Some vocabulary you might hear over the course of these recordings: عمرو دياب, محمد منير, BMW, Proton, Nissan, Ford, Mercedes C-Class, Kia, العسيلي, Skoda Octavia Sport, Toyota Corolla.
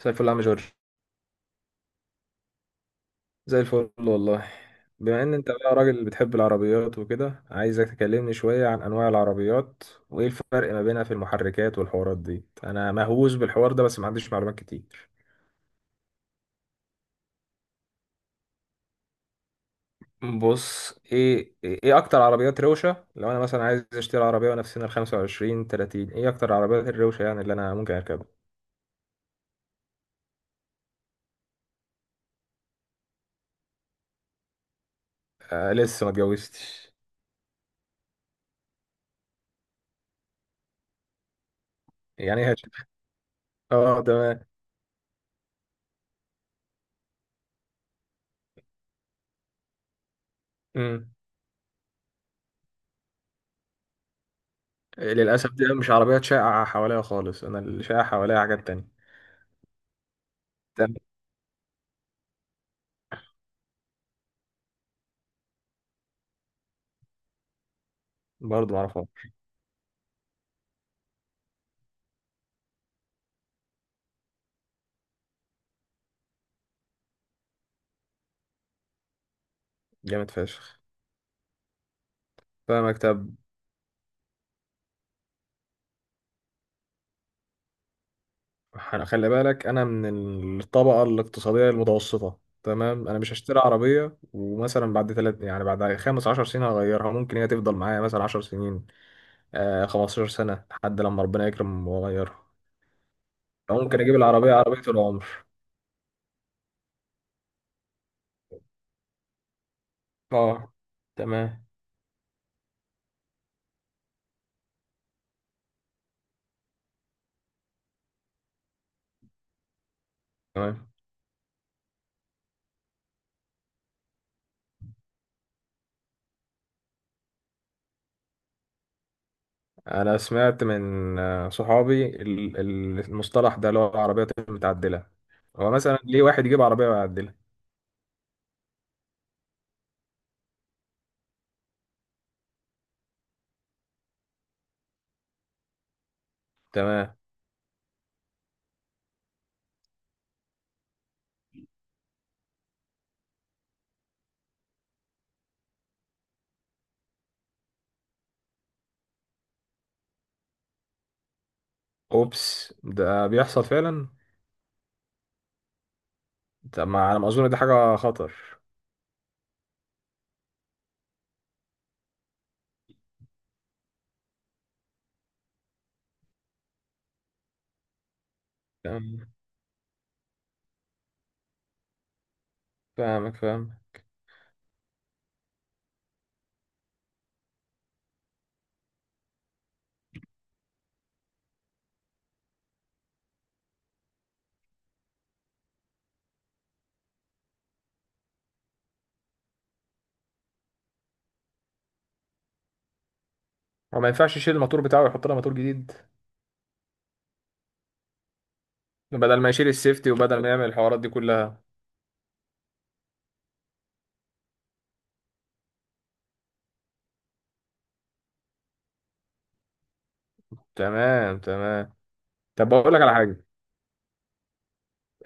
مساء الفل يا عم جورج. زي الفل والله. بما ان انت بقى راجل بتحب العربيات وكده، عايزك تكلمني شوية عن انواع العربيات وايه الفرق ما بينها في المحركات والحوارات دي. انا مهووس بالحوار ده بس ما عنديش معلومات كتير. بص، ايه اكتر عربيات روشة؟ لو انا مثلا عايز اشتري عربية وانا في سن ال 25 30، ايه اكتر عربيات الروشة يعني اللي انا ممكن اركبها؟ آه، لسه ما اتجوزتش. يعني هش... اه، تمام. امم للاسف دي مش عربيات شائعة حواليا خالص، انا اللي شائع حواليا حاجات تانية. برضه معرفة. جامد فشخ. فاهمك. طب، خلي بالك انا من الطبقه الاقتصاديه المتوسطه، تمام؟ انا مش هشتري عربيه ومثلا بعد ثلاث يعني بعد خمس عشر سنين هغيرها، ممكن هي تفضل معايا مثلا عشر سنين. آه، 15 سنه لحد لما ربنا يكرم واغيرها. ممكن اجيب العربيه، عربيه العمر. اه، تمام تمام. انا سمعت من صحابي المصطلح ده اللي هو العربيات المتعدله. هو مثلا ليه واحد يجيب عربيه معدله؟ تمام. اوبس، ده بيحصل فعلا. طب ما على ما اظن دي حاجه خطر. تمام. فاهمك فاهم. هو ما ينفعش يشيل الماتور بتاعه ويحط لها ماتور جديد؟ بدل ما يشيل السيفتي وبدل ما يعمل الحوارات دي كلها. تمام تمام. طب بقول لك على حاجه،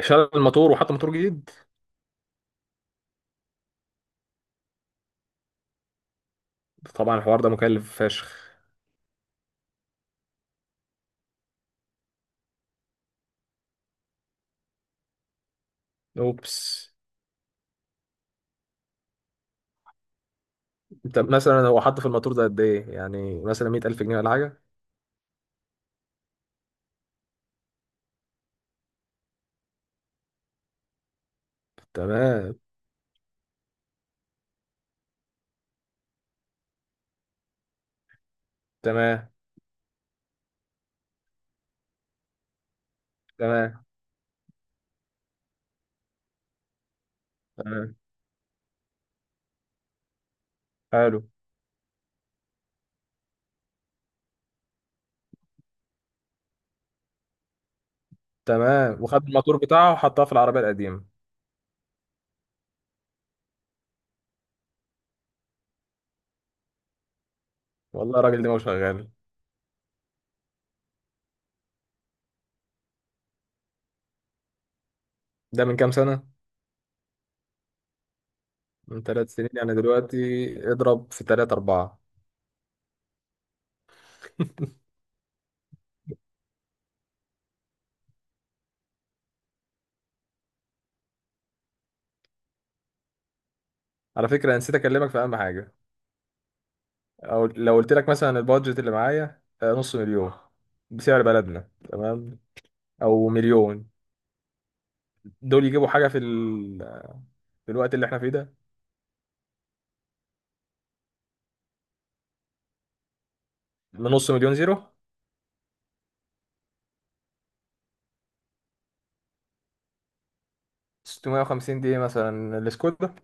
شال الماتور وحط موتور جديد. طبعا الحوار ده مكلف فشخ. اوبس، انت مثلا هو حط في الماتور ده قد ايه؟ يعني مثلا 100,000 جنيه ولا حاجه؟ تمام. تمام. تمام. تمام. حلو. تمام. وخد الماتور بتاعه وحطها في العربيه القديمه. والله الراجل ده ما هو شغال. ده من كام سنة؟ من ثلاث سنين، يعني دلوقتي اضرب في ثلاثة أربعة. على فكرة أنا نسيت أكلمك في أهم حاجة. أو لو قلت لك مثلا البادجت اللي معايا نص مليون بسعر بلدنا، تمام؟ أو مليون. دول يجيبوا حاجة في الوقت اللي احنا فيه ده؟ من نص مليون زيرو؟ 650 دي مثلا السكودا؟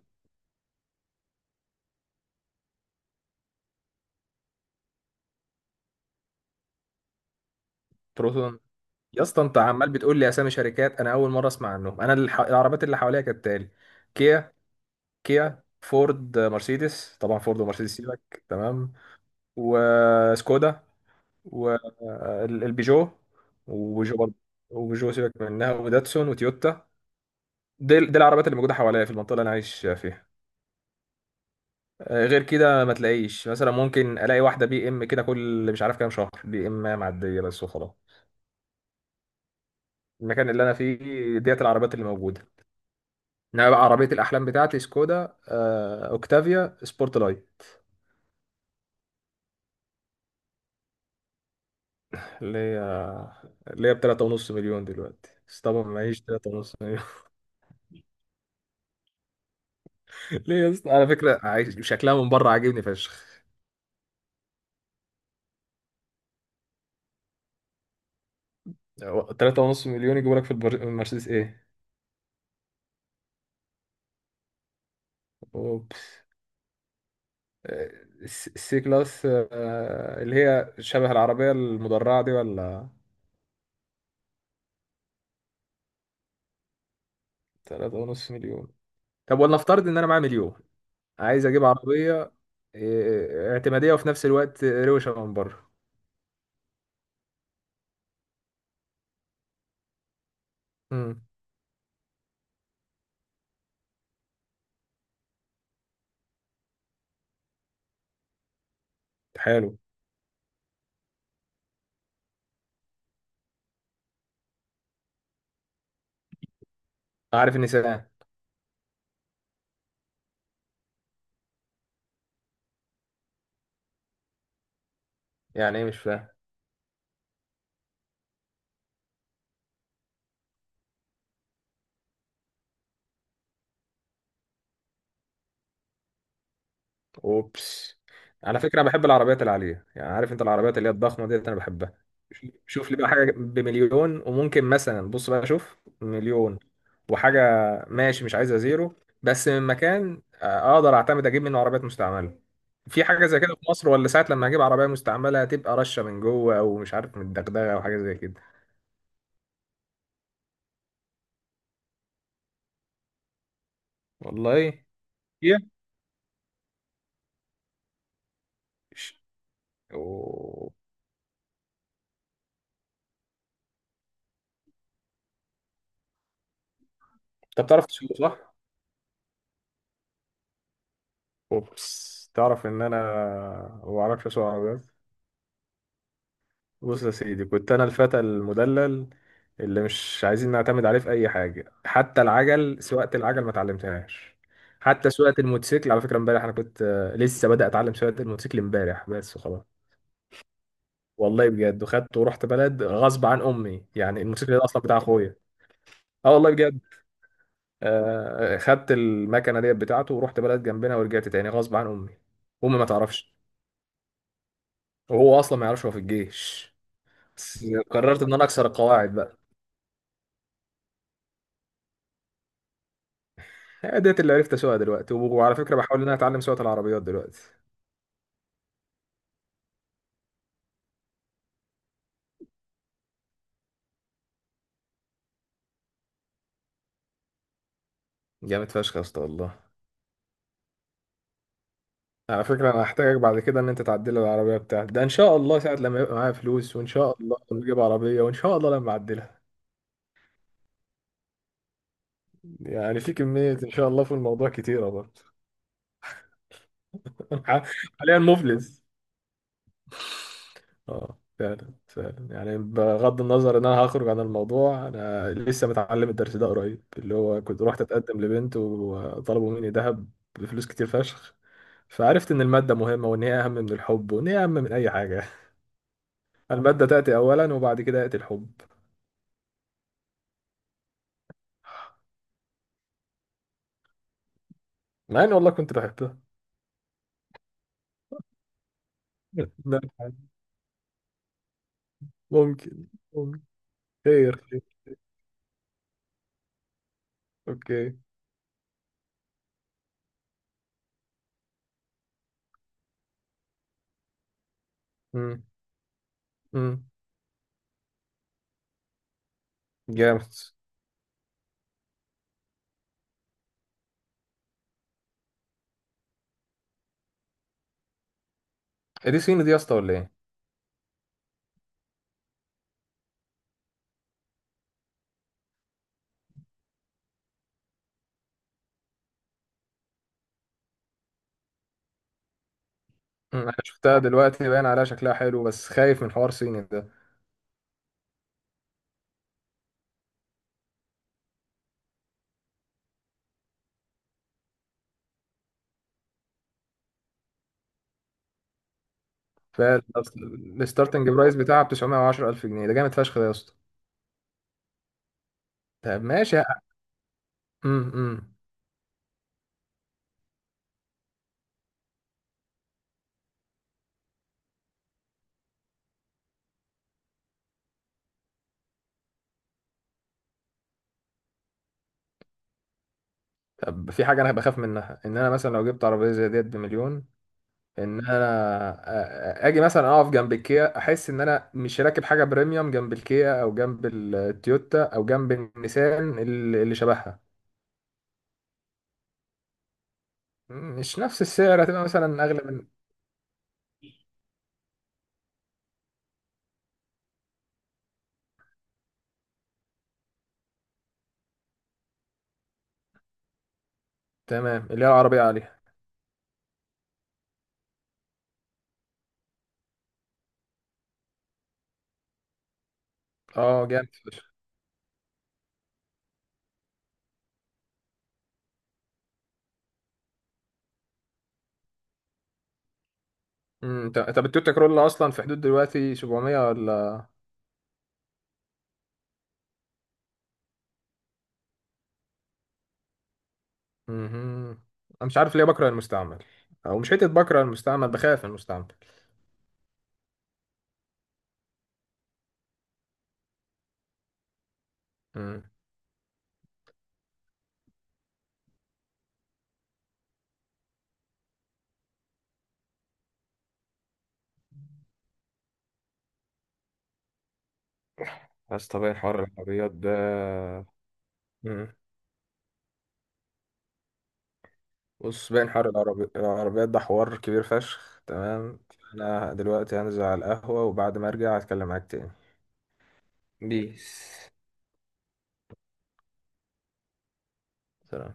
بروتون؟ يا اسطى انت عمال بتقول لي اسامي شركات انا اول مره اسمع عنهم. انا العربيات اللي حواليا كالتالي: كيا. فورد، مرسيدس. طبعا فورد ومرسيدس سيبك، تمام؟ وسكودا. والبيجو. وبيجو برضه. وبيجو سيبك منها. وداتسون وتويوتا. دي العربيات اللي موجودة حواليا في المنطقة اللي أنا عايش فيها. غير كده ما تلاقيش. مثلا ممكن ألاقي واحدة بي إم كده كل مش عارف كام شهر، بي إم معدية بس وخلاص. المكان اللي أنا فيه ديت العربيات اللي موجودة. إنما بقى عربية الأحلام بتاعتي سكودا، أوكتافيا سبورت لاي. اللي هي اللي هي ب 3.5 مليون دلوقتي، بس طبعا معيش 3.5. ليه يا اسطى؟ على فكره عايش شكلها من بره عاجبني فشخ. 3.5 مليون يجيبوا لك في المرسيدس ايه؟ اوبس. آه، السي كلاس، اللي هي شبه العربيه المدرعه دي ولا؟ 3.5 مليون. طب ولنفترض ان انا معايا مليون، عايز اجيب عربيه اعتماديه وفي نفس الوقت روشه من بره. امم. حلو. عارف النساء؟ يعني ايه؟ مش فاهم. اوبس. على فكره انا بحب العربيات العاليه. يعني عارف انت العربيات اللي هي الضخمه ديت، انا بحبها. شوف لي بقى حاجه بمليون. وممكن مثلا، بص بقى، شوف مليون وحاجه. ماشي، مش عايزها زيرو، بس من مكان اقدر اعتمد اجيب منه عربيات مستعمله. في حاجه زي كده في مصر، ولا ساعه لما اجيب عربيه مستعمله هتبقى رشه من جوه او مش عارف من الدغدغه او حاجه زي كده؟ والله. هي ش- أوه. انت بتعرف تسوق صح؟ اوبس، تعرف ان انا ما بعرفش اسوق عربيات. بص يا سيدي، كنت انا الفتى المدلل اللي مش عايزين نعتمد عليه في اي حاجه. حتى العجل، سواقه العجل ما اتعلمتهاش. حتى سواقه الموتوسيكل. على فكره امبارح انا كنت لسه بدأ اتعلم سواقه الموتوسيكل امبارح بس وخلاص. والله بجد. وخدت ورحت بلد غصب عن امي. يعني الموتوسيكل ده اصلا بتاع اخويا. اه والله بجد. خدت المكنه ديت بتاعته ورحت بلد جنبنا ورجعت تاني غصب عن امي. امي ما تعرفش. وهو اصلا ما يعرفش، هو في الجيش. بس قررت ان انا اكسر القواعد بقى. هي ديت اللي عرفت اسوقها دلوقتي، وعلى فكره بحاول ان انا اتعلم سواقه العربيات دلوقتي. جامد فشخ يا اسطى والله. على فكره انا هحتاجك بعد كده ان انت تعدل لي العربيه بتاعتي ده، ان شاء الله ساعه لما يبقى معايا فلوس، وان شاء الله لما اجيب عربيه، وان شاء الله لما اعدلها. يعني في كميه ان شاء الله في الموضوع كتيره برضه. أنا حاليا مفلس. اه فعلا فعلا. يعني بغض النظر ان انا هخرج عن الموضوع، انا لسه متعلم الدرس ده قريب، اللي هو كنت رحت اتقدم لبنت وطلبوا مني ذهب بفلوس كتير فشخ. فعرفت ان المادة مهمة، وان هي اهم من الحب، وان هي اهم من اي حاجة. المادة تأتي اولا وبعد كده يأتي الحب. مع اني والله كنت بحبها. لا، ممكن. ممكن. خير خير. اوكي. امم امم. جامد. دي صيني دي يا اسطى ولا ايه؟ مم. انا شفتها دلوقتي باين عليها شكلها حلو، بس خايف من حوار صيني ده. فالستارتنج برايس بتاعها ب 910,000 جنيه ده جامد فشخ ده يا اسطى. طب ماشي. امم. طب في حاجة انا بخاف منها، ان انا مثلا لو جبت عربية زي ديت بمليون، ان انا اجي مثلا اقف جنب الكيا، احس ان انا مش راكب حاجه بريميوم جنب الكيا او جنب التويوتا او جنب النيسان اللي شبهها. مش نفس السعر، هتبقى مثلا اغلى من. تمام، اللي هي العربيه عليها. اه جامد فشخ. مم، طب التويوتا كرولا اصلا في حدود دلوقتي 700 ولا؟ مهم. انا مش عارف ليه بكره المستعمل. او مش حته بكره المستعمل، بخاف من المستعمل. مم. بس طبيعي حوار العربيات ده. مم. بص، بين حر العربيات ده حوار كبير فشخ. تمام. انا دلوقتي هنزل على القهوة وبعد ما ارجع هتكلم معاك تاني. بيس. سلام.